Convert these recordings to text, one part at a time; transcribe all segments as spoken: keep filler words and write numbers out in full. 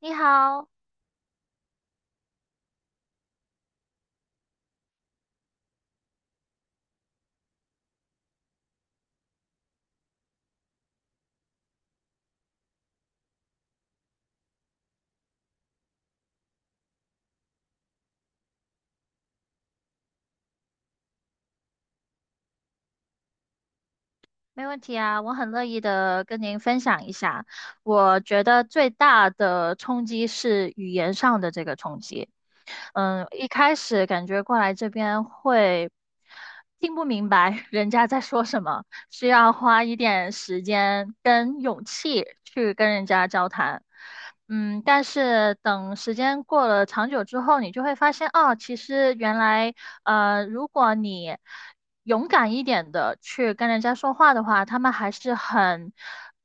你好，没问题啊，我很乐意的跟您分享一下。我觉得最大的冲击是语言上的这个冲击。嗯，一开始感觉过来这边会听不明白 人家在说什么，需要花一点时间跟勇气去跟人家交谈。嗯，但是等时间过了长久之后，你就会发现，哦，其实原来，呃，如果你勇敢一点的去跟人家说话的话，他们还是很，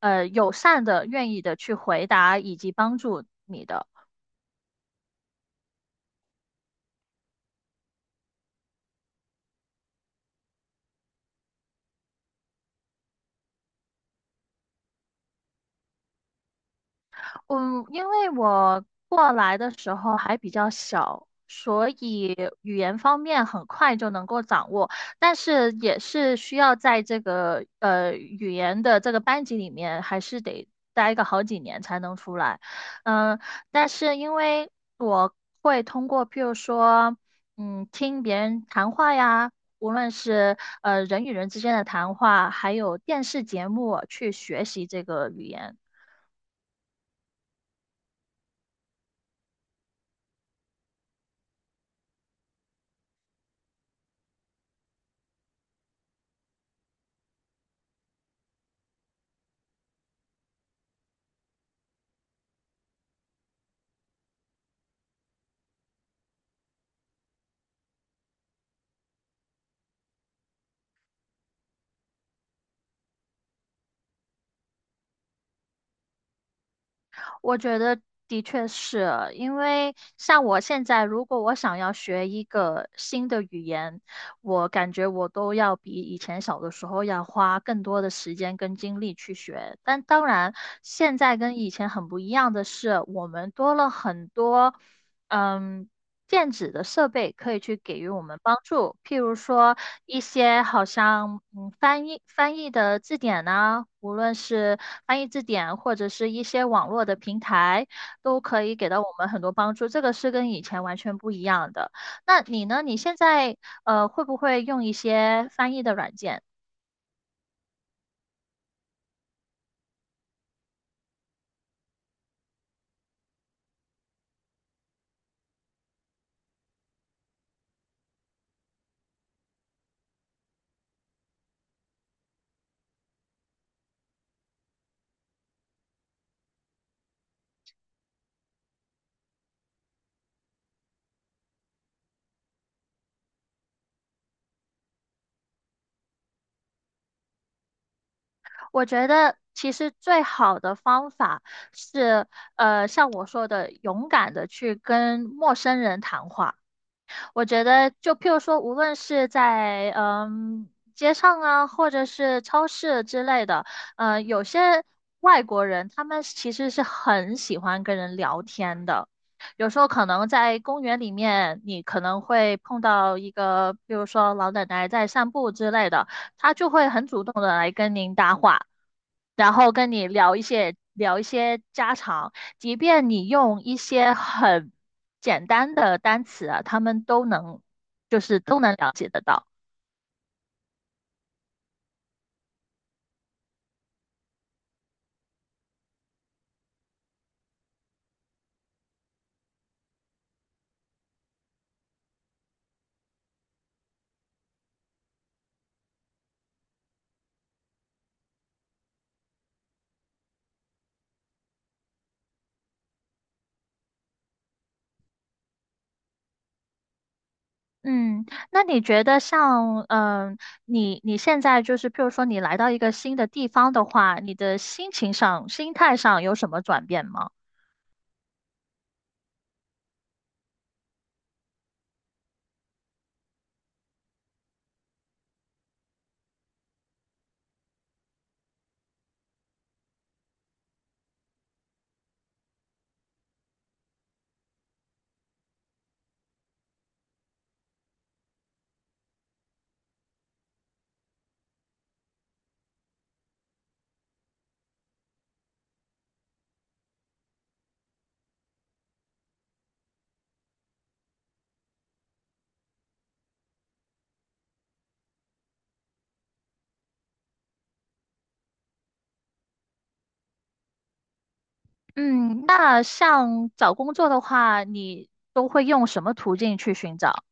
呃，友善的，愿意的去回答以及帮助你的。嗯，因为我过来的时候还比较小，所以语言方面很快就能够掌握，但是也是需要在这个呃语言的这个班级里面，还是得待个好几年才能出来。嗯，但是因为我会通过，譬如说，嗯，听别人谈话呀。无论是呃人与人之间的谈话，还有电视节目，去学习这个语言。我觉得的确是，因为像我现在，如果我想要学一个新的语言，我感觉我都要比以前小的时候要花更多的时间跟精力去学。但当然，现在跟以前很不一样的是，我们多了很多，嗯，电子的设备可以去给予我们帮助，譬如说一些好像嗯翻译翻译的字典呐、无论是翻译字典或者是一些网络的平台，都可以给到我们很多帮助。这个是跟以前完全不一样的。那你呢？你现在呃会不会用一些翻译的软件？我觉得其实最好的方法是呃像我说的，勇敢的去跟陌生人谈话。我觉得，就譬如说，无论是在嗯街上啊，或者是超市之类的，呃，有些外国人他们其实是很喜欢跟人聊天的。有时候可能在公园里面，你可能会碰到一个，比如说老奶奶在散步之类的，她就会很主动的来跟您搭话。然后跟你聊一些聊一些家常，即便你用一些很简单的单词啊，他们都能就是都能了解得到。嗯，那你觉得像嗯，你你现在就是譬如说你来到一个新的地方的话，你的心情上、心态上有什么转变吗？嗯，那像找工作的话，你都会用什么途径去寻找？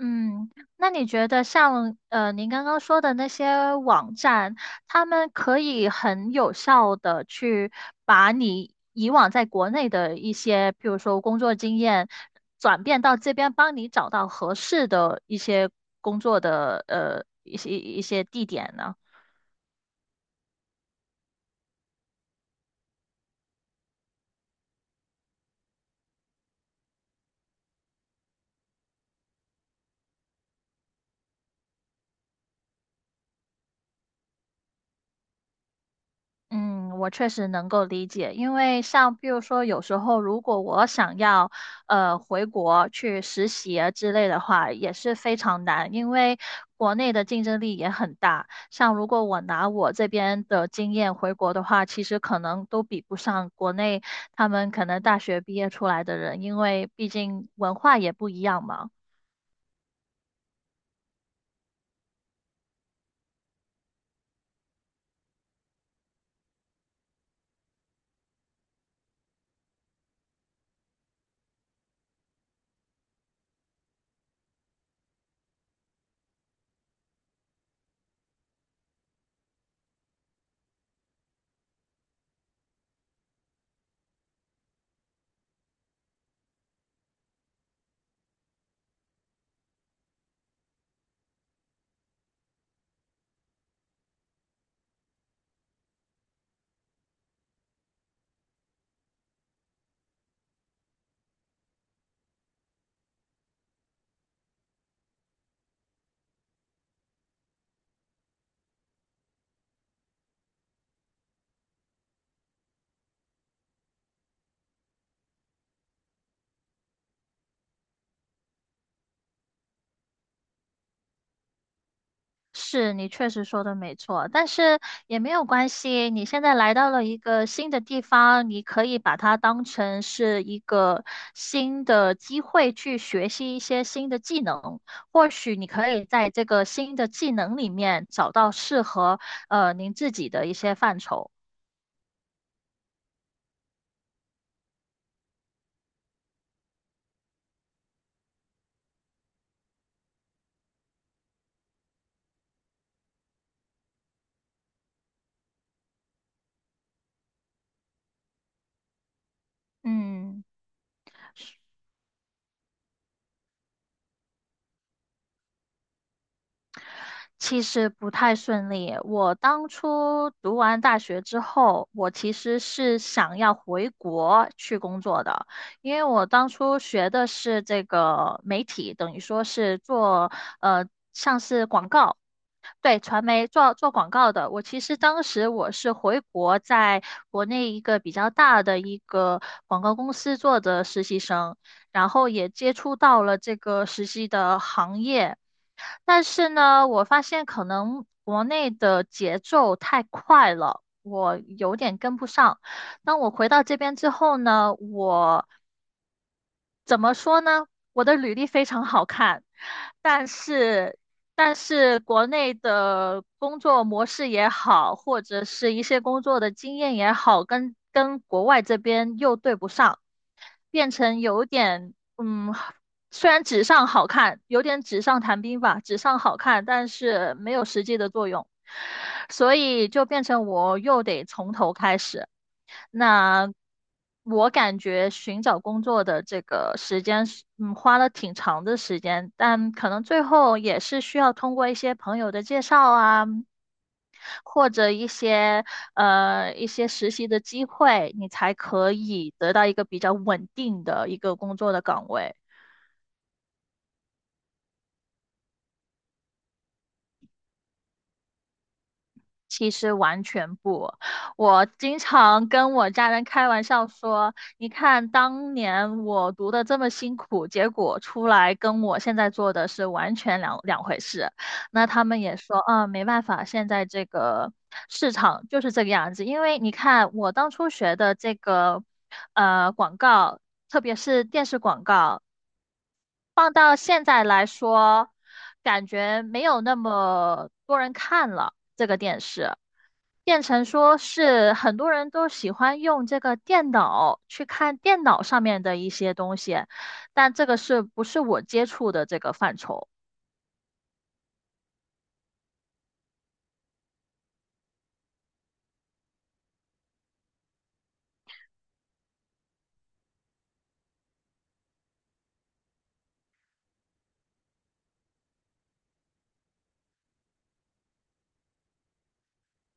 嗯，那你觉得像呃您刚刚说的那些网站，他们可以很有效的去把你以往在国内的一些，譬如说工作经验，转变到这边，帮你找到合适的一些工作的呃一些一些地点呢？嗯，我确实能够理解，因为像比如说，有时候如果我想要呃回国去实习啊之类的话，也是非常难，因为国内的竞争力也很大。像如果我拿我这边的经验回国的话，其实可能都比不上国内他们可能大学毕业出来的人，因为毕竟文化也不一样嘛。是你确实说的没错，但是也没有关系。你现在来到了一个新的地方，你可以把它当成是一个新的机会去学习一些新的技能。或许你可以在这个新的技能里面找到适合呃您自己的一些范畴。嗯。其实不太顺利。我当初读完大学之后，我其实是想要回国去工作的，因为我当初学的是这个媒体，等于说是做呃像是广告。对，传媒做做广告的，我其实当时我是回国，在国内一个比较大的一个广告公司做的实习生，然后也接触到了这个实习的行业，但是呢，我发现可能国内的节奏太快了，我有点跟不上。当我回到这边之后呢，我怎么说呢？我的履历非常好看，但是但是国内的工作模式也好，或者是一些工作的经验也好，跟跟国外这边又对不上，变成有点嗯，虽然纸上好看，有点纸上谈兵吧，纸上好看，但是没有实际的作用，所以就变成我又得从头开始。那我感觉寻找工作的这个时间是，嗯，花了挺长的时间，但可能最后也是需要通过一些朋友的介绍啊，或者一些呃一些实习的机会，你才可以得到一个比较稳定的一个工作的岗位。其实完全不，我经常跟我家人开玩笑说，你看当年我读的这么辛苦，结果出来跟我现在做的是完全两两回事。那他们也说，啊，没办法，现在这个市场就是这个样子。因为你看我当初学的这个呃广告，特别是电视广告。放到现在来说，感觉没有那么多人看了这个电视，变成说是很多人都喜欢用这个电脑去看电脑上面的一些东西，但这个是不是我接触的这个范畴？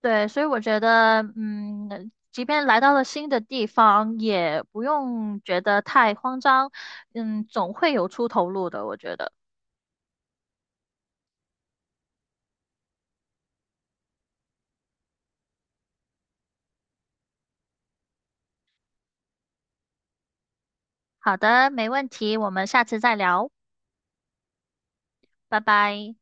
对，所以我觉得，嗯，即便来到了新的地方，也不用觉得太慌张，嗯，总会有出头路的，我觉得。好的，没问题，我们下次再聊，拜拜。